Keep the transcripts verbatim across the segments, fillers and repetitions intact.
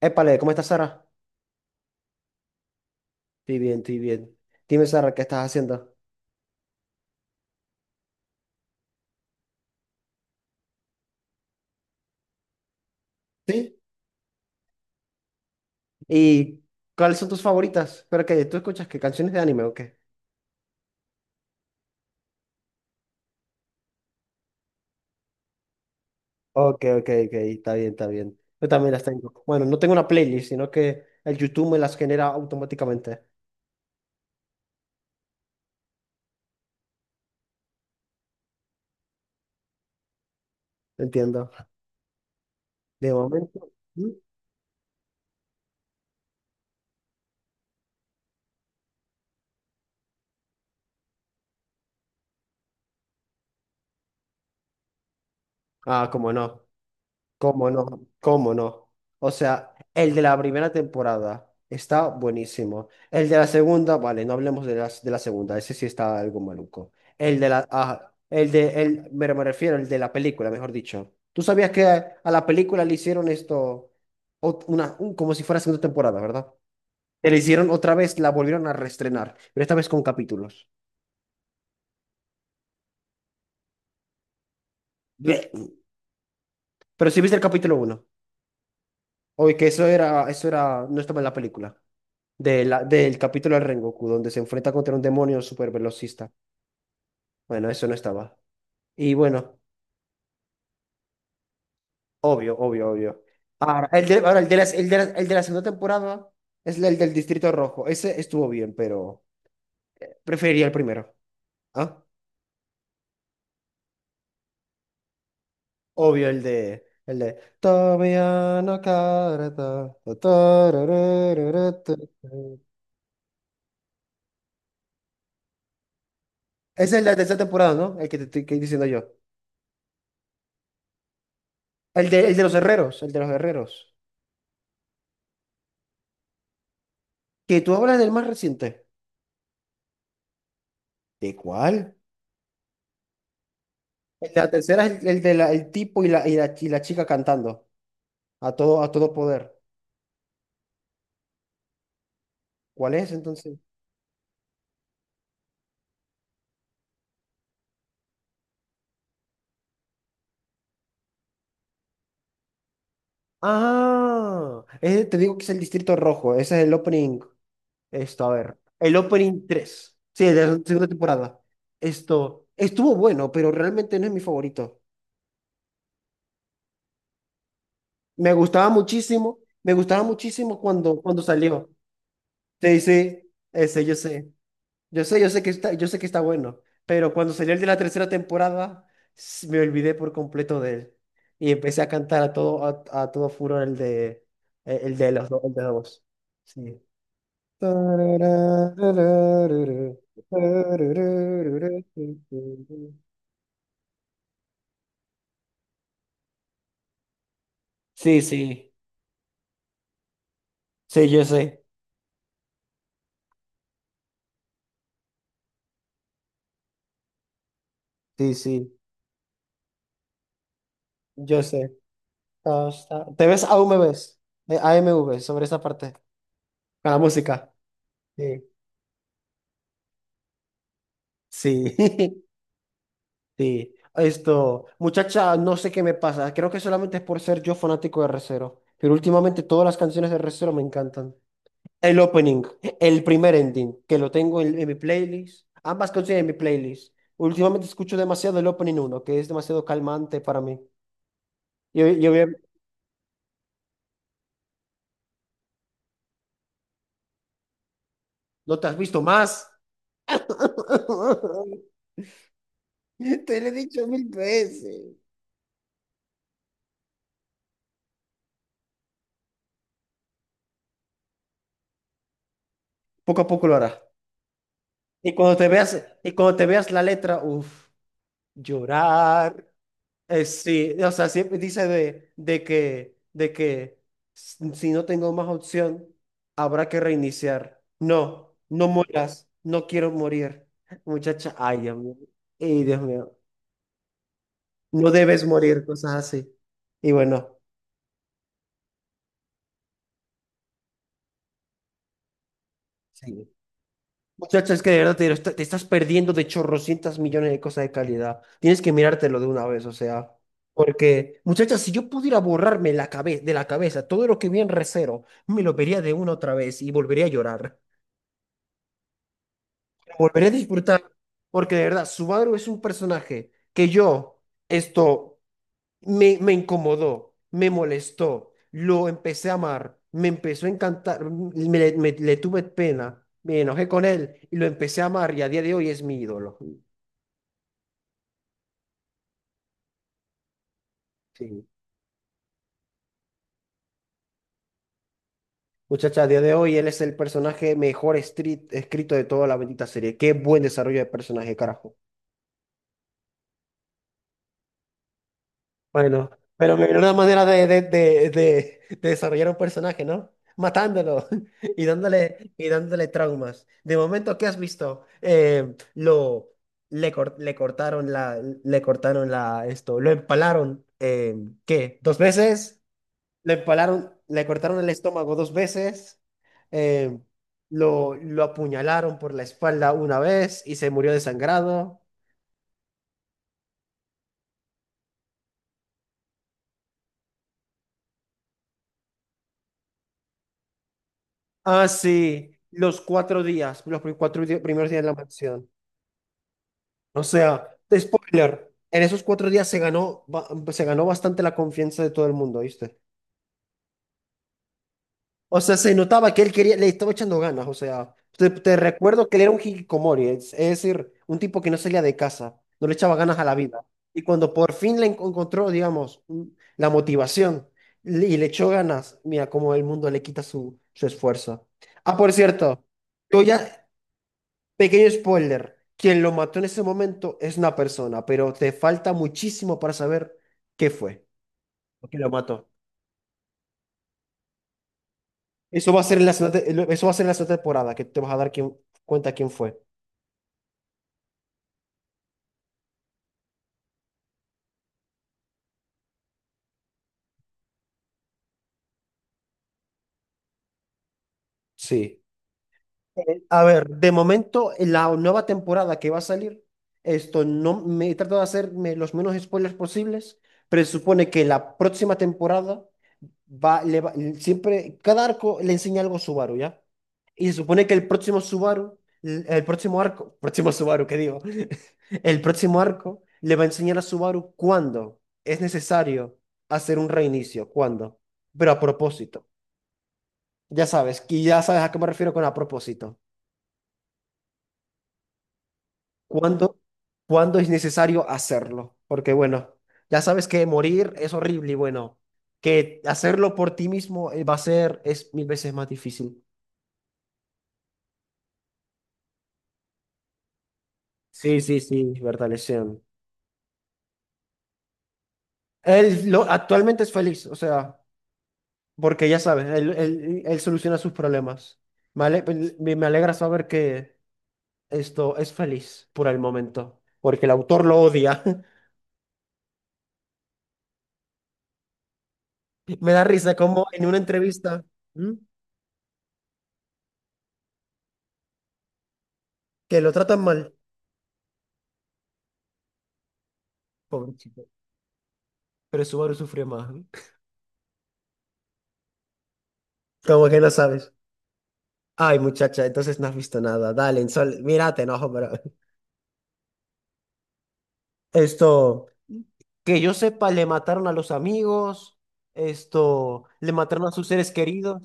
Épale, ¿cómo estás, Sara? Estoy bien, estoy bien. Dime, Sara, ¿qué estás haciendo? ¿Sí? ¿Y cuáles son tus favoritas? ¿Pero qué? ¿Tú escuchas qué canciones de anime o qué? Ok, ok, ok, está bien, está bien. Yo también las tengo. Bueno, no tengo una playlist, sino que el YouTube me las genera automáticamente. Entiendo. De momento. ¿Mm? Ah, cómo no. ¿Cómo no? ¿Cómo no? O sea, el de la primera temporada está buenísimo. El de la segunda, vale, no hablemos de, las, de la segunda, ese sí está algo maluco. El de la, ajá, el de, el, me, me refiero, el de la película, mejor dicho. ¿Tú sabías que a la película le hicieron esto, ot- una, un- como si fuera segunda temporada, verdad? Que le hicieron otra vez, la volvieron a reestrenar, pero esta vez con capítulos. Blech. Pero si viste el capítulo uno, oye, que eso era, eso era, no estaba en la película. De la- del capítulo del Rengoku, donde se enfrenta contra un demonio super velocista. Bueno, eso no estaba. Y bueno, obvio, obvio, obvio. Ahora, el de, ahora, el de la, el de la- el de la segunda temporada es el del Distrito Rojo. Ese estuvo bien, pero preferiría el primero. ¿Ah? Obvio, el de. El de. Todavía no carta, tararararata. Ese es el de esta temporada, ¿no? El que te estoy que diciendo yo. El de, el de los herreros, el de los herreros. Que tú hablas del más reciente. ¿De cuál? La tercera es el, el de la- el tipo y la, y la, y la chica cantando a todo, a todo poder. ¿Cuál es entonces? Ah, ese te digo que es el Distrito Rojo. Ese es el opening. Esto, a ver. El opening tres, sí, de la segunda temporada. Esto estuvo bueno, pero realmente no es mi favorito. Me gustaba muchísimo. Me gustaba muchísimo cuando, cuando salió. Sí, sí, ese yo sé. Yo sé, yo sé que está, yo sé que está bueno, pero cuando salió el de la tercera temporada, s- me olvidé por completo de él. Y empecé a cantar a todo, a, a todo furor el de eh, el de los dos, el de la voz. Sí. Sí, sí. Sí, yo sé. Sí, sí. Yo sé. Ah, está- ¿Te ves aún me ves? Eh, A M V sobre esa parte. Con la música. Sí. Sí. Sí, esto, muchacha, no sé qué me pasa. Creo que solamente es por ser yo fanático de Re:Zero. Pero últimamente todas las canciones de Re:Zero me encantan. El opening, el primer ending, que lo tengo en, en mi playlist. Ambas canciones en mi playlist. Últimamente escucho demasiado el opening uno, que es demasiado calmante para mí. Yo, yo, ¿no te has visto más? Te lo he dicho mil veces. Poco a poco lo hará. Y cuando te veas, y cuando te veas la letra, uff, llorar. Eh, sí, o sea, siempre dice de, de que, de que s- si no tengo más opción, habrá que reiniciar. No, no mueras, no quiero morir. Muchacha, ay, Dios mío, ay, Dios mío, no debes morir, cosas así. Y bueno, sí. Muchacha, es que de verdad te, lo está- te estás perdiendo de chorrocientas millones de cosas de calidad. Tienes que mirártelo de una vez, o sea. Porque, muchacha, si yo pudiera borrarme la cabeza de la cabeza todo lo que vi en Recero, me lo vería de una otra vez y volvería a llorar. Volvería a disfrutar. Porque de verdad, Subaru es un personaje que yo, esto, me, me incomodó, me molestó, lo empecé a amar, me empezó a encantar, me, me- le tuve pena, me enojé con él y lo empecé a amar y a día de hoy es mi ídolo. Sí. Muchacha, a día de hoy él es el personaje mejor escrit- escrito de toda la bendita serie. Qué buen desarrollo de personaje, carajo. Bueno, pero me vino una manera de, de, de, de- de desarrollar un personaje, ¿no? Matándolo y dándole, y dándole traumas. De momento, ¿qué has visto? Eh, lo, le, cor- le cortaron la, le cortaron la, esto, lo empalaron, eh, ¿qué? ¿Dos veces? Le empalaron, le cortaron el estómago dos veces, eh, lo, lo apuñalaron por la espalda una vez y se murió desangrado. Ah, sí, los cuatro días, los pri- cuatro di- primeros días de la mansión. O sea, spoiler, en esos cuatro días se ganó, ba- se ganó bastante la confianza de todo el mundo, ¿viste? O sea, se notaba que él quería, le estaba echando ganas. O sea, te, te recuerdo que él era un hikikomori, es, es decir, un tipo que no salía de casa, no le echaba ganas a la vida. Y cuando por fin le enco- encontró, digamos, un- la motivación le- y le echó ganas, mira cómo el mundo le quita su, su esfuerzo. Ah, por cierto, yo ya, pequeño spoiler, quien lo mató en ese momento es una persona, pero te falta muchísimo para saber qué fue, o qué lo mató. Eso va a ser en la segunda, te- eso va a ser en la segunda temporada, que te vas a dar quién- cuenta quién fue. Sí. Eh, a ver, de momento, la nueva temporada que va a salir, esto no me he tratado de hacerme los menos spoilers posibles, pero se supone que la próxima temporada va, le va- siempre, cada arco le enseña algo a Subaru, ¿ya? Y se supone que el próximo Subaru, el el próximo arco, próximo Subaru, ¿qué digo? El próximo arco le va a enseñar a Subaru cuándo es necesario hacer un reinicio, cuándo, pero a propósito. Ya sabes, y ya sabes a qué me refiero con a propósito. ¿Cuándo, cuándo es necesario hacerlo? Porque bueno, ya sabes que morir es horrible y bueno, que hacerlo por ti mismo eh, va a ser es mil veces más difícil. Sí, sí, sí, Bertalesian. Él lo, actualmente es feliz, o sea, porque ya sabes, él, él, él soluciona sus problemas. Me, ale- me Me alegra saber que esto es feliz por el momento, porque el autor lo odia. Me da risa como en una entrevista ¿m? Que lo tratan mal. Pobre. Pero Subaru sufrió más. Como que no sabes. Ay, muchacha, entonces no has visto nada. Dale, en sol, mira, te enojo, pero esto, que yo sepa, le mataron a los amigos, esto, le mataron a sus seres queridos.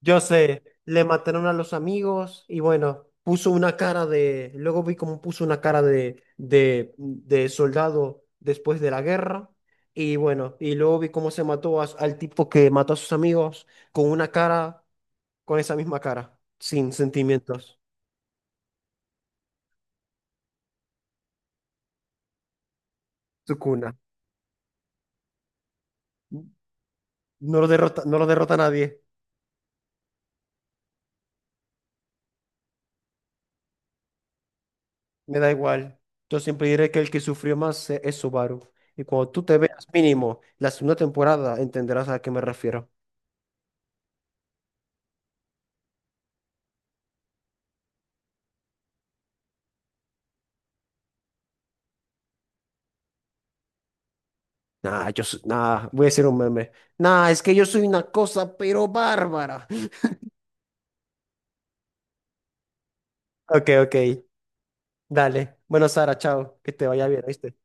Yo sé, le mataron a los amigos y bueno, puso una cara de, luego vi cómo puso una cara de, de, de soldado después de la guerra. Y bueno, y luego vi cómo se mató a- al tipo que mató a sus amigos con una cara con esa misma cara, sin sentimientos. Sukuna. No lo derrota, no lo derrota nadie. Me da igual. Yo siempre diré que el que sufrió más e- es Subaru. Y cuando tú te veas mínimo la segunda temporada, entenderás a qué me refiero. Nah, yo soy- nah, voy a hacer un meme. Nah, es que yo soy una cosa, pero bárbara. Ok, ok. Dale. Bueno, Sara, chao. Que te vaya bien, ¿viste?